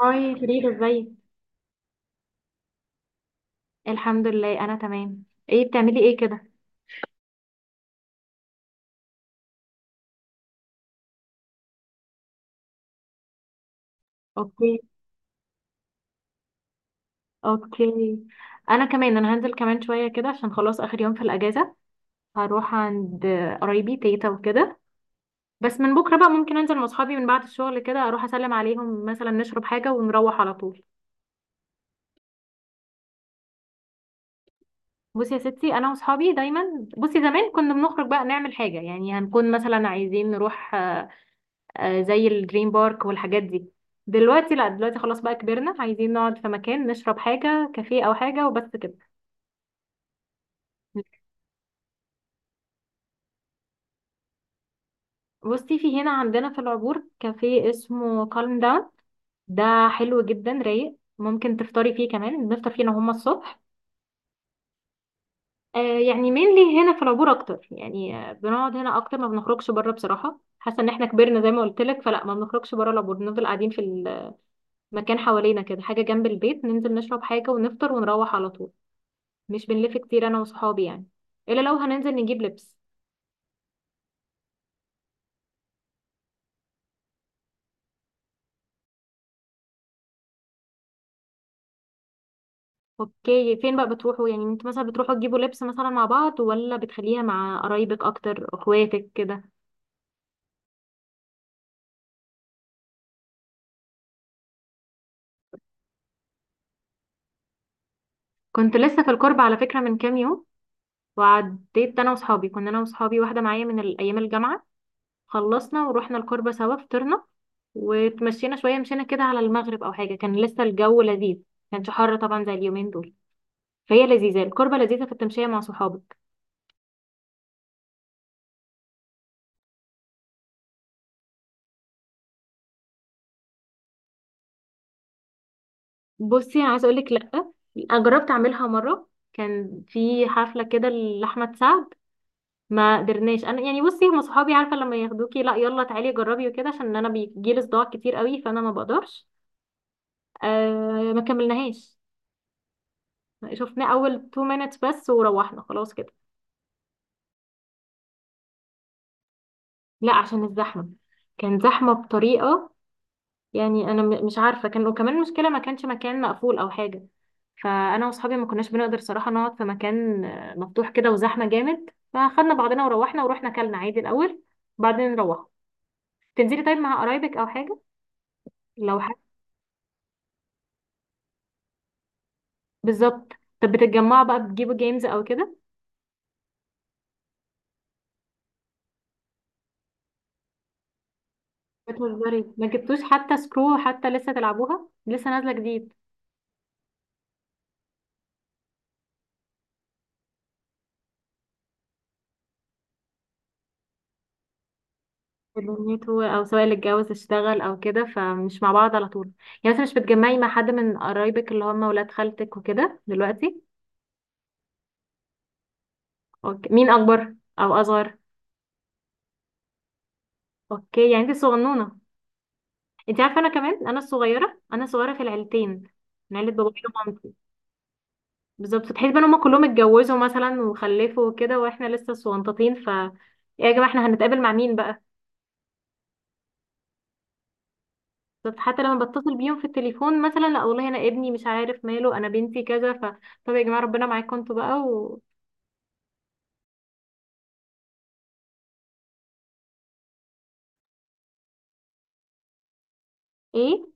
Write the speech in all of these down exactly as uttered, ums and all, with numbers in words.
هاي فريدة ازيك. الحمد لله انا تمام. ايه بتعملي ايه كده؟ اوكي. اوكي. انا كمان انا هنزل كمان شوية كده عشان خلاص اخر يوم في الاجازة. هروح عند قرايبي تيتا وكده. بس من بكرة بقى ممكن انزل مع اصحابي من بعد الشغل كده اروح اسلم عليهم مثلا، نشرب حاجة ونروح على طول. بصي يا ستي انا واصحابي دايما، بصي زمان كنا بنخرج بقى نعمل حاجة، يعني هنكون مثلا عايزين نروح، آه، زي الدريم بارك والحاجات دي. دلوقتي لا، دلوقتي خلاص بقى كبرنا، عايزين نقعد في مكان نشرب حاجة كافيه أو حاجة وبس كده. بصي في هنا عندنا في العبور كافيه اسمه كالم داون. ده حلو جدا، رايق، ممكن تفطري فيه كمان، بنفطر فيه انا وهما الصبح. آه يعني مينلي هنا في العبور اكتر، يعني آه، بنقعد هنا اكتر، ما بنخرجش بره بصراحة، حاسة ان احنا كبرنا زي ما قلت لك، فلا ما بنخرجش بره العبور، بنفضل قاعدين في المكان حوالينا كده، حاجة جنب البيت ننزل نشرب حاجة ونفطر ونروح على طول. مش بنلف كتير انا وصحابي يعني، الا لو هننزل نجيب لبس. اوكي فين بقى بتروحوا، يعني انت مثلا بتروحوا تجيبوا لبس مثلا مع بعض ولا بتخليها مع قرايبك اكتر، اخواتك كده؟ كنت لسه في القرب على فكرة من كام يوم، وعديت انا وصحابي، كنا انا وصحابي واحدة معايا من ال- ايام الجامعة، خلصنا ورحنا القربة سوا، فطرنا وتمشينا شوية، مشينا كده على المغرب او حاجة، كان لسه الجو لذيذ، كانش حر طبعا زي اليومين دول. فهي لذيذة القربة، لذيذة في التمشية مع صحابك. بصي انا عايزه اقول لك لا، انا جربت اعملها مره، كان في حفله كده لاحمد سعد، ما قدرناش، انا يعني بصي هم صحابي، عارفه لما ياخدوكي لا يلا تعالي جربي وكده، عشان انا بيجيلي صداع كتير قوي فانا ما بقدرش. آه ما كملناهاش، شفنا اول two minutes بس وروحنا خلاص كده. لا عشان الزحمه، كان زحمه بطريقه، يعني انا م- مش عارفه، كان وكمان المشكله ما كانش مكان مقفول او حاجه، فانا واصحابي ما كناش بنقدر صراحه نقعد في مكان آه، مفتوح كده وزحمه جامد، فاخدنا بعضنا وروحنا، ورحنا اكلنا عادي الاول بعدين نروح. تنزلي طيب مع قرايبك او حاجه، لو حاجه. بالظبط. طب بتتجمعوا بقى بتجيبوا جيمز او كده؟ بتهزري، ما جبتوش حتى سكرو، حتى لسه تلعبوها، لسه نازله جديد. دنيته او سواء اللي اتجوز اشتغل او كده، فمش مع بعض على طول. يعني مثلا مش بتجمعي مع حد من قرايبك اللي هم ولاد خالتك وكده دلوقتي؟ اوكي مين اكبر او اصغر؟ اوكي يعني انت الصغنونه. انت عارفه انا كمان انا الصغيره، انا الصغيره في العيلتين، من عيله بابايا ومامتي. بالظبط، تحس بقى ان هما كلهم اتجوزوا مثلا وخلفوا وكده، واحنا لسه صغنطاطين، ف إيه يا جماعه احنا هنتقابل مع مين بقى؟ بالظبط، حتى لما بتصل بيهم في التليفون مثلا، لا والله انا ابني مش عارف ماله، انا بنتي كذا، ف طب يا جماعه ربنا معاكم انتوا بقى و... ايه؟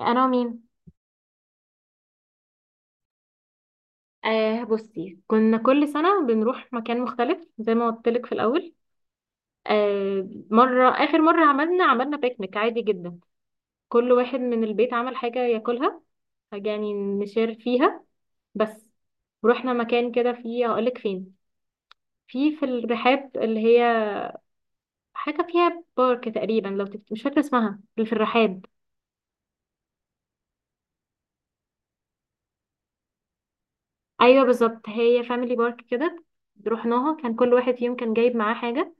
انا ومين؟ آه بصي كنا كل سنه بنروح مكان مختلف زي ما قلت لك في الاول. آه مرة، آخر مرة عملنا عملنا بيكنيك عادي جدا، كل واحد من البيت عمل حاجة ياكلها، حاجة يعني نشير فيها بس. رحنا مكان كده فيه، هقولك فين، في في الرحاب، اللي هي حاجة فيها بارك تقريبا، لو تفت... مش فاكرة اسمها، اللي في الرحاب. أيوة بالظبط هي فاميلي بارك كده. رحناها كان كل واحد فيهم كان جايب معاه حاجة،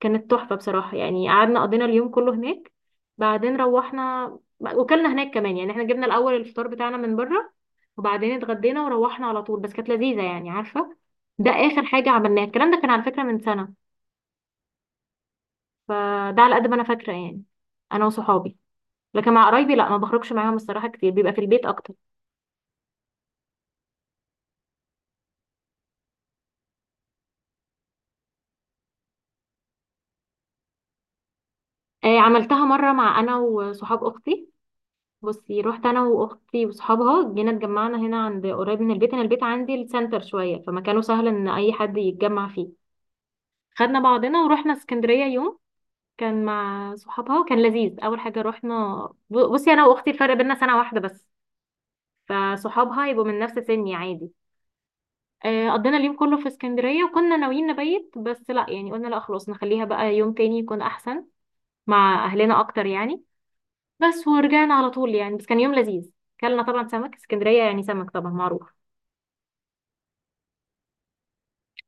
كانت تحفة بصراحة يعني، قعدنا قضينا اليوم كله هناك، بعدين روحنا، وكلنا هناك كمان، يعني احنا جبنا الأول الفطار بتاعنا من بره، وبعدين اتغدينا وروحنا على طول، بس كانت لذيذة يعني عارفة. ده آخر حاجة عملناها، الكلام ده كان على فكرة من سنة، فده على قد ما أنا فاكرة يعني، أنا وصحابي. لكن مع قرايبي لا، ما بخرجش معاهم الصراحة كتير، بيبقى في البيت أكتر. آه عملتها مرة مع، أنا وصحاب أختي، بصي رحت انا واختي وصحابها، جينا اتجمعنا هنا عند قريب من البيت، انا البيت عندي السنتر شويه، فمكانه سهل ان اي حد يتجمع فيه، خدنا بعضنا ورحنا اسكندريه يوم. كان مع صحابها كان لذيذ، اول حاجه رحنا ب- بصي انا واختي الفرق بينا سنه واحده بس، فصحابها يبقوا من نفس سني عادي. آه، قضينا اليوم كله في اسكندريه، وكنا ناويين نبيت بس لا، يعني قلنا لا خلاص نخليها بقى يوم تاني يكون احسن مع اهلنا اكتر يعني، بس ورجعنا على طول، يعني بس كان يوم لذيذ، كلنا طبعا سمك اسكندريه، يعني سمك طبعا معروف.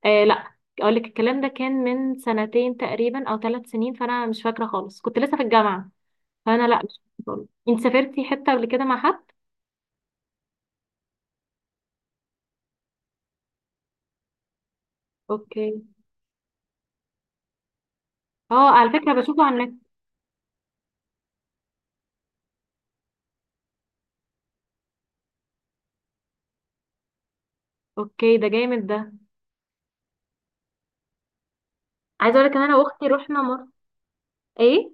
آه لا، اقول لك الكلام ده كان من سنتين تقريبا او ثلاث سنين، فانا مش فاكره خالص، كنت لسه في الجامعه، فانا لا مش فاكره خالص. انت سافرتي حته قبل كده مع حد؟ اوكي. اه على فكره بشوفه على النت. اوكي ده جامد ده. عايزه اقول لك ان انا واختي رحنا مره. ايه؟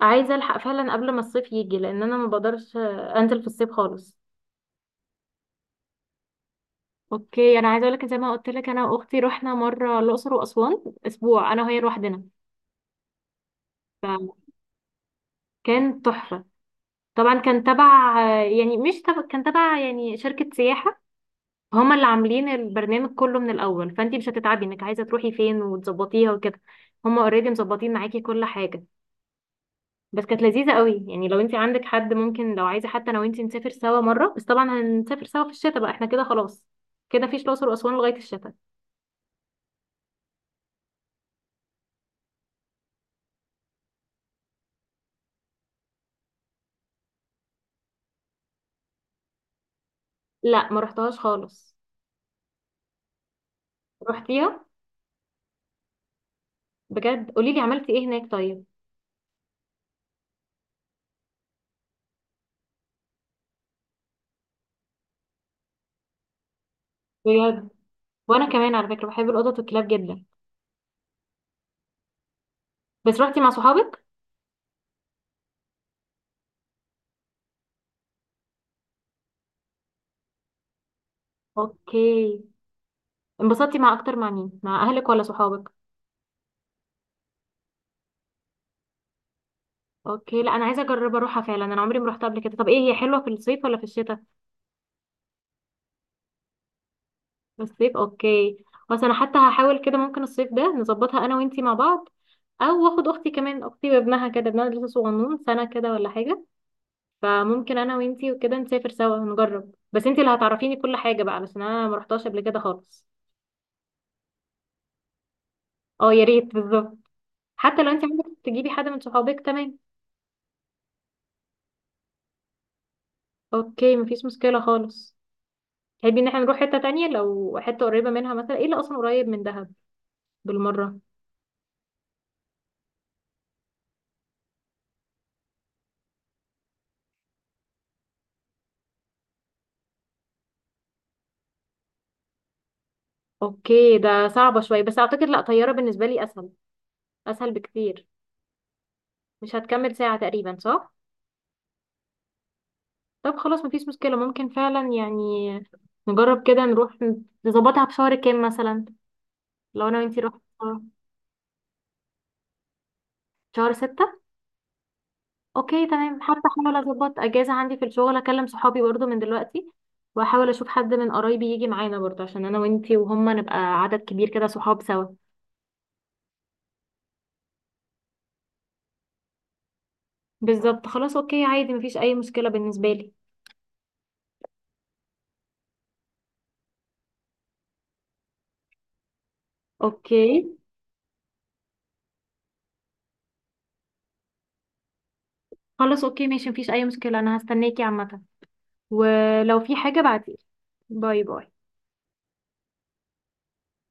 عايزه الحق فعلا قبل ما الصيف يجي، لان انا ما بقدرش آه، انزل في الصيف خالص. اوكي انا عايزه اقول لك، زي ما قلت لك انا واختي رحنا مره الاقصر واسوان اسبوع، انا وهي لوحدنا، فكان تحفه. طبعا كان تبع يعني، مش تبع كان تبع يعني شركة سياحة، هما اللي عاملين البرنامج كله من الأول، فانتي مش هتتعبي انك عايزة تروحي فين وتظبطيها وكده، هما اوريدي مظبطين معاكي كل حاجة. بس كانت لذيذة قوي، يعني لو انتي عندك حد ممكن، لو عايزة حتى انا وانتي نسافر سوا مرة، بس طبعا هنسافر سوا في الشتاء بقى احنا كده خلاص، كده مفيش الأقصر وأسوان لغاية الشتاء. لا ما رحتهاش خالص. رحتيها؟ بجد؟ قوليلي عملتي ايه هناك طيب. بجد؟ وانا كمان على فكرة بحب القطط والكلاب جدا. بس رحتي مع صحابك؟ اوكي. انبسطتي مع اكتر، مع مين، مع اهلك ولا صحابك؟ اوكي لا انا عايزه اجرب اروحها فعلا، انا عمري ما رحتها قبل كده. طب ايه هي حلوه في الصيف ولا في الشتاء؟ في الصيف، اوكي. بس انا حتى هحاول كده، ممكن الصيف ده نظبطها انا وانتي مع بعض، او اخد اختي كمان، اختي وابنها كده، ابنها لسه صغنون سنه كده ولا حاجه، فممكن انا وانتي وكده نسافر سوا نجرب، بس انتي اللي هتعرفيني كل حاجه بقى علشان انا ما رحتهاش قبل كده خالص. اه يا ريت، بالظبط، حتى لو انتي عندك تجيبي حد من صحابك تمام. اوكي مفيش مشكله خالص. تحبي ان احنا نروح حتة تانية، لو حتة قريبة منها مثلا، ايه اللي اصلا قريب من دهب بالمرة؟ اوكي ده صعبة شوية بس اعتقد لا، طيارة بالنسبة لي اسهل، اسهل بكتير. مش هتكمل ساعة تقريبا صح؟ طب خلاص مفيش مشكلة، ممكن فعلا يعني نجرب كده نروح، نظبطها في شهر كام مثلا لو انا وانتي رحنا سوا. شهر ستة. اوكي تمام، حتى احاول اظبط اجازة عندي في الشغل، اكلم صحابي برضو من دلوقتي، واحاول اشوف حد من قرايبي يجي معانا برضو، عشان انا وانتي وهما نبقى عدد كبير كده، صحاب سوا. بالظبط، خلاص اوكي عادي مفيش اي مشكلة بالنسبة لي. اوكي. خلاص اوكي ماشي مفيش اي مشكلة، انا هستناكي عامة، ولو في حاجة بعتيلي. باي باي.